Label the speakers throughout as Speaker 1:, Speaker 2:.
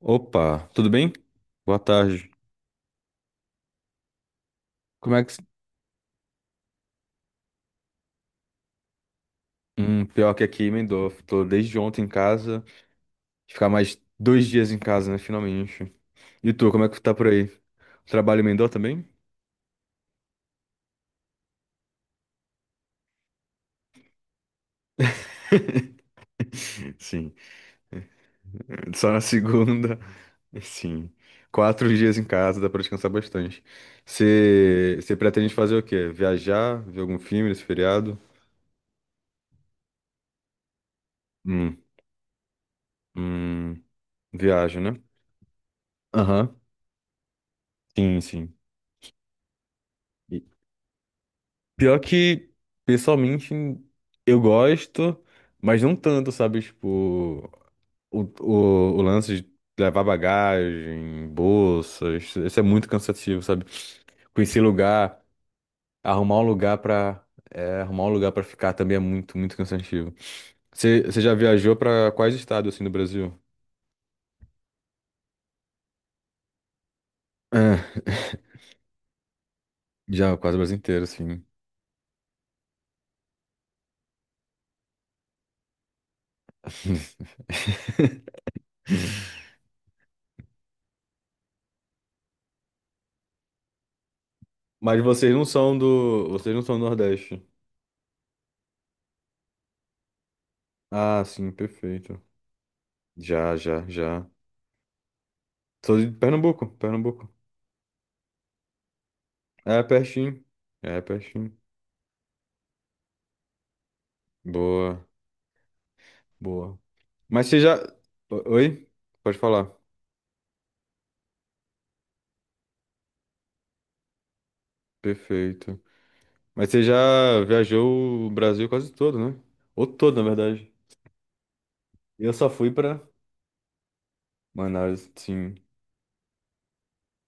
Speaker 1: Opa, tudo bem? Boa tarde. Como é que. Pior que aqui, emendou. Tô desde ontem em casa. Ficar mais 2 dias em casa, né? Finalmente. E tu, como é que tá por aí? Trabalho emendou também? Sim. Só na segunda. Sim. 4 dias em casa, dá pra descansar bastante. Você pretende fazer o quê? Viajar? Ver algum filme nesse feriado? Hum, hum, Viagem, né? Aham. Sim, sim. Pior que, pessoalmente, eu gosto, mas não tanto, sabe? Tipo, o lance de levar bagagem, bolsas, isso é muito cansativo, sabe? Conhecer lugar, arrumar um lugar pra, arrumar um lugar pra ficar também é muito, muito cansativo. Você já viajou pra quais estados, assim, do Brasil? É, já, quase o Brasil inteiro, assim. Mas vocês não são do Nordeste. Ah, sim, perfeito. Já, já, já. Sou de Pernambuco, Pernambuco. É pertinho. É pertinho. Boa, boa. Mas você já. Oi? Pode falar. Perfeito. Mas você já viajou o Brasil quase todo, né? Ou todo, na verdade. Eu só fui pra Manaus, sim.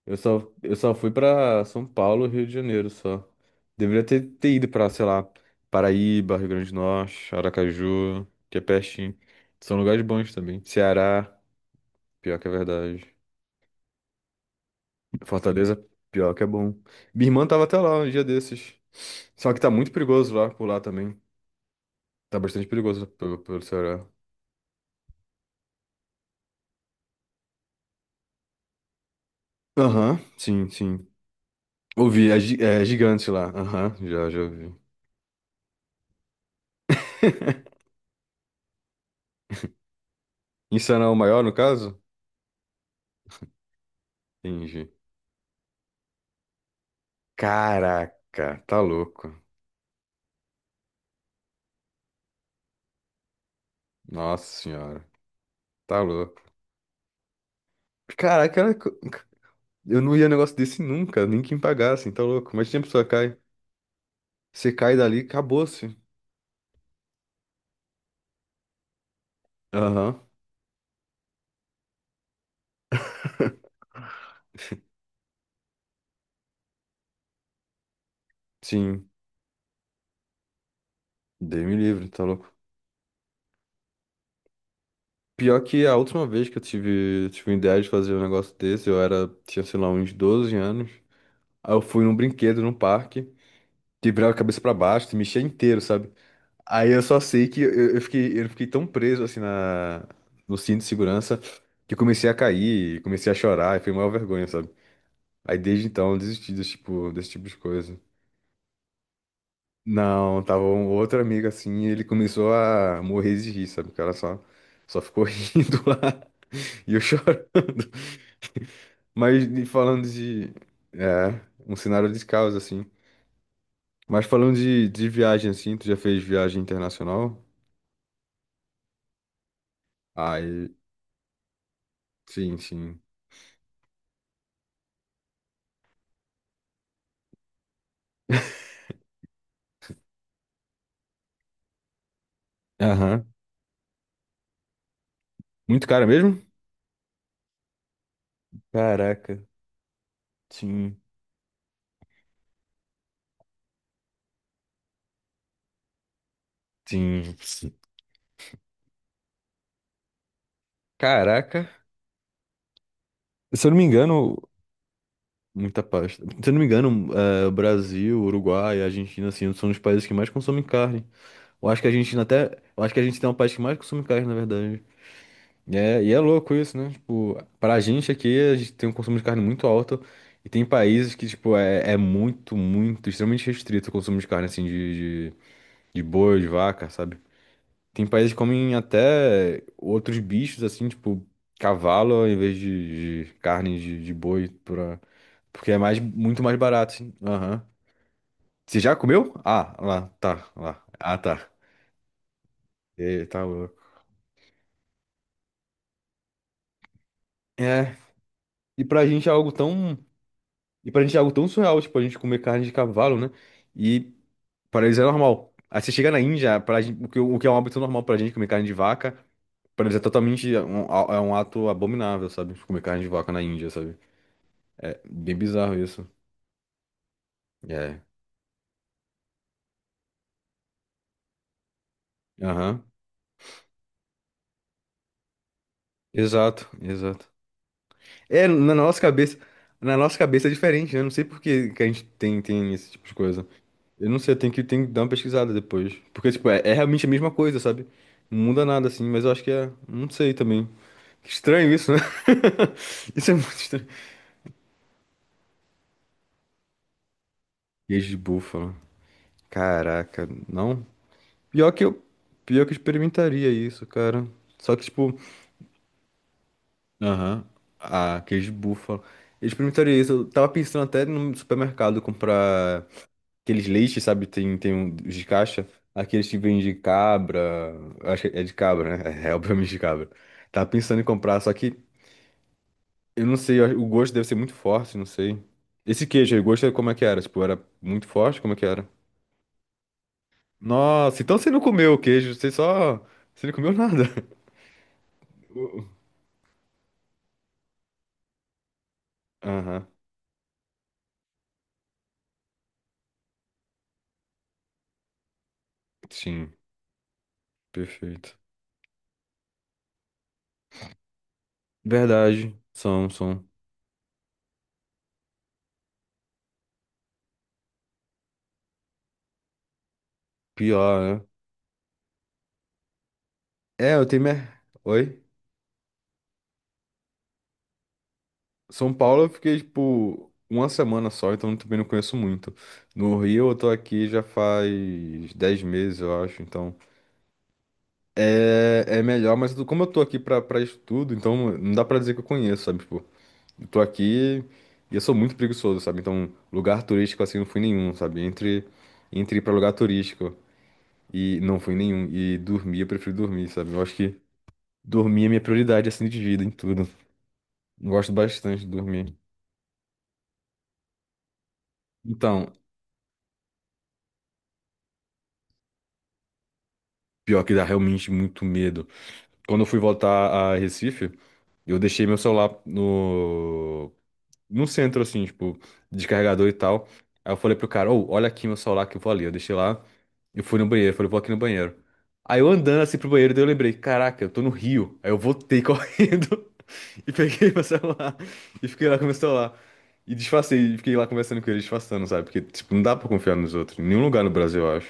Speaker 1: Eu só fui pra São Paulo, Rio de Janeiro, só. Deveria ter, ido pra, sei lá, Paraíba, Rio Grande do Norte, Aracaju, que é pertinho. São lugares bons também. Ceará, pior que é verdade. Fortaleza, pior que é bom. Minha irmã tava até lá um dia desses. Só que tá muito perigoso lá, por lá também. Tá bastante perigoso né, pelo Ceará. Aham, sim, sim. Ouvi, é gigante lá. Aham, já, já ouvi. Insana é o maior, no caso? Entendi. Caraca, tá louco. Nossa senhora, tá louco. Caraca, eu não ia negócio desse nunca, nem quem pagasse, tá louco. Mas a pessoa que cai. Você cai dali, acabou-se. Aham, sim. Dei-me livre, tá louco. Pior que a última vez que eu tive, ideia de fazer um negócio desse, eu era, tinha, sei lá, uns 12 anos. Aí eu fui num brinquedo, num parque, que virava a cabeça pra baixo, se mexia inteiro, sabe? Aí eu só sei que eu fiquei, eu fiquei tão preso, assim, no cinto de segurança, que eu comecei a cair, comecei a chorar, e foi uma vergonha, sabe? Aí desde então eu desisti desse tipo de coisa. Não, tava um outro amigo assim, e ele começou a morrer de rir, sabe? O cara só ficou rindo lá. E eu chorando. Mas e falando de. É, um cenário de caos, assim. Mas falando de viagem, assim, tu já fez viagem internacional? Aí, sim, sim. Aham. Muito cara mesmo? Caraca, sim. Sim. Sim. Caraca. Se eu não me engano, Muita pasta. Se eu não me engano, Brasil, Uruguai, Argentina, assim, são os países que mais consomem carne. Eu acho que a Argentina até. Eu acho que a Argentina é um país que mais consome carne, na verdade. É, e é louco isso, né? Tipo, pra gente aqui, a gente tem um consumo de carne muito alto e tem países que, tipo, é muito, muito, extremamente restrito o consumo de carne, assim, de, boi, de vaca, sabe? Tem países que comem até outros bichos, assim, tipo, cavalo em vez de carne de boi, pra... porque é muito mais barato, assim. Aham. Você já comeu? Ah, lá, tá, lá. Ah, tá. E, tá louco. É, e pra gente é algo tão E pra gente é algo tão surreal, tipo, a gente comer carne de cavalo, né? E pra eles é normal. Aí você chega na Índia, pra gente, o que, é um hábito normal pra gente comer carne de vaca, pra eles é é um ato abominável, sabe? Comer carne de vaca na Índia, sabe? É bem bizarro isso. É. Aham. Exato, exato. É, na nossa cabeça, é diferente, né? Eu não sei por que que a gente tem, esse tipo de coisa. Eu não sei, eu tenho que dar uma pesquisada depois. Porque, tipo, é realmente a mesma coisa, sabe? Não muda nada, assim, mas eu acho que é. Não sei também. Que estranho isso, né? Isso é muito estranho. Queijo de búfalo. Caraca, não. Pior que eu, pior que eu experimentaria isso, cara. Só que, tipo, aham, ah, queijo de búfalo. Eu experimentaria isso. Eu tava pensando até no supermercado comprar aqueles leites, sabe? Tem um, os de caixa. Aqueles que vêm de cabra. Eu acho que é de cabra, né? É obviamente de cabra. Tava pensando em comprar, só que eu não sei, o gosto deve ser muito forte, não sei. Esse queijo aí, o gosto é como é que era? Tipo, era muito forte? Como é que era? Nossa, então você não comeu o queijo, você só. Você não comeu nada. O- Aham, sim, perfeito. Verdade, são, são. Pior, né? É, eu tenho. Oi? São Paulo eu fiquei, tipo, uma semana só, então também não conheço muito. No Rio eu tô aqui já faz 10 meses, eu acho, então. É melhor, mas como eu tô aqui pra, estudo, então não dá pra dizer que eu conheço, sabe? Tipo, eu tô aqui e eu sou muito preguiçoso, sabe? Então, lugar turístico assim não fui nenhum, sabe? entre ir pra lugar turístico e não fui nenhum. E dormir, eu prefiro dormir, sabe? Eu acho que dormir é minha prioridade assim de vida em tudo. Eu gosto bastante de dormir. Então, pior que dá realmente muito medo. Quando eu fui voltar a Recife, eu deixei meu celular no centro, assim, tipo, descarregador e tal. Aí eu falei pro cara, ô, olha aqui meu celular que eu vou ali. Eu deixei lá e fui no banheiro. Falei, vou aqui no banheiro. Aí eu andando assim pro banheiro, daí eu lembrei, caraca, eu tô no Rio. Aí eu voltei correndo e peguei meu celular e fiquei lá com meu celular. E disfarcei, e fiquei lá conversando com ele, disfarçando, sabe? Porque, tipo, não dá pra confiar nos outros. Em nenhum lugar no Brasil, eu acho.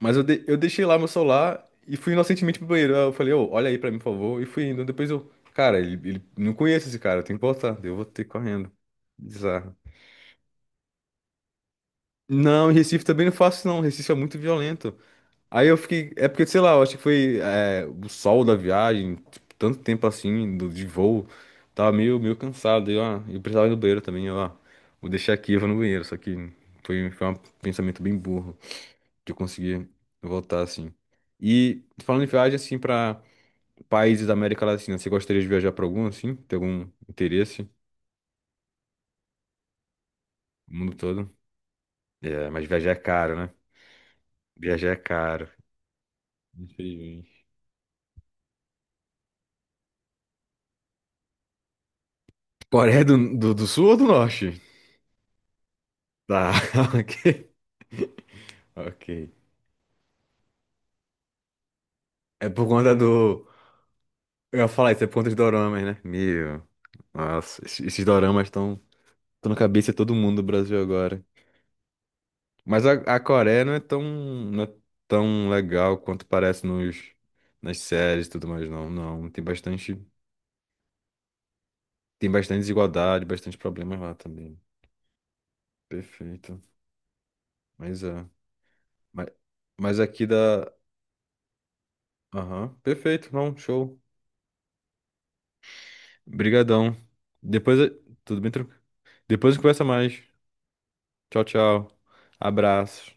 Speaker 1: Mas eu, eu deixei lá meu celular e fui inocentemente pro banheiro. Aí eu falei, ô, olha aí pra mim, por favor. E fui indo. Depois eu, cara, ele, não conheço esse cara, eu tenho que voltar. Daí eu vou ter correndo. Bizarro. Não, em Recife também não faço, não. Recife é muito violento. Aí eu fiquei. É porque, sei lá, eu acho que foi o sol da viagem, tipo, tanto tempo assim, de voo. Tava meio cansado. E, ó, eu precisava ir no banheiro também. Eu, ó, vou deixar aqui, eu vou no banheiro. Só que foi, um pensamento bem burro, de eu conseguir voltar, assim. E falando em viagem, assim, pra países da América Latina, você gostaria de viajar pra algum, assim? Tem algum interesse? O mundo todo? É, mas viajar é caro, né? Viajar é caro. Infelizmente. Coreia do, Sul ou do Norte? Tá, ok. Ok. É por conta do. Eu ia falar isso, é por conta dos doramas, né? Meu. Nossa, esses, doramas estão na cabeça de todo mundo do Brasil agora. Mas a Coreia não é tão, legal quanto parece nas séries e tudo mais, não. Não, tem bastante desigualdade, bastante problemas lá também. Perfeito. Mas é. Mas, mas aqui da. Aham. Perfeito, não, show. Brigadão. Depois, tudo bem tranquilo. Depois a gente conversa mais. Tchau, tchau. Abraços.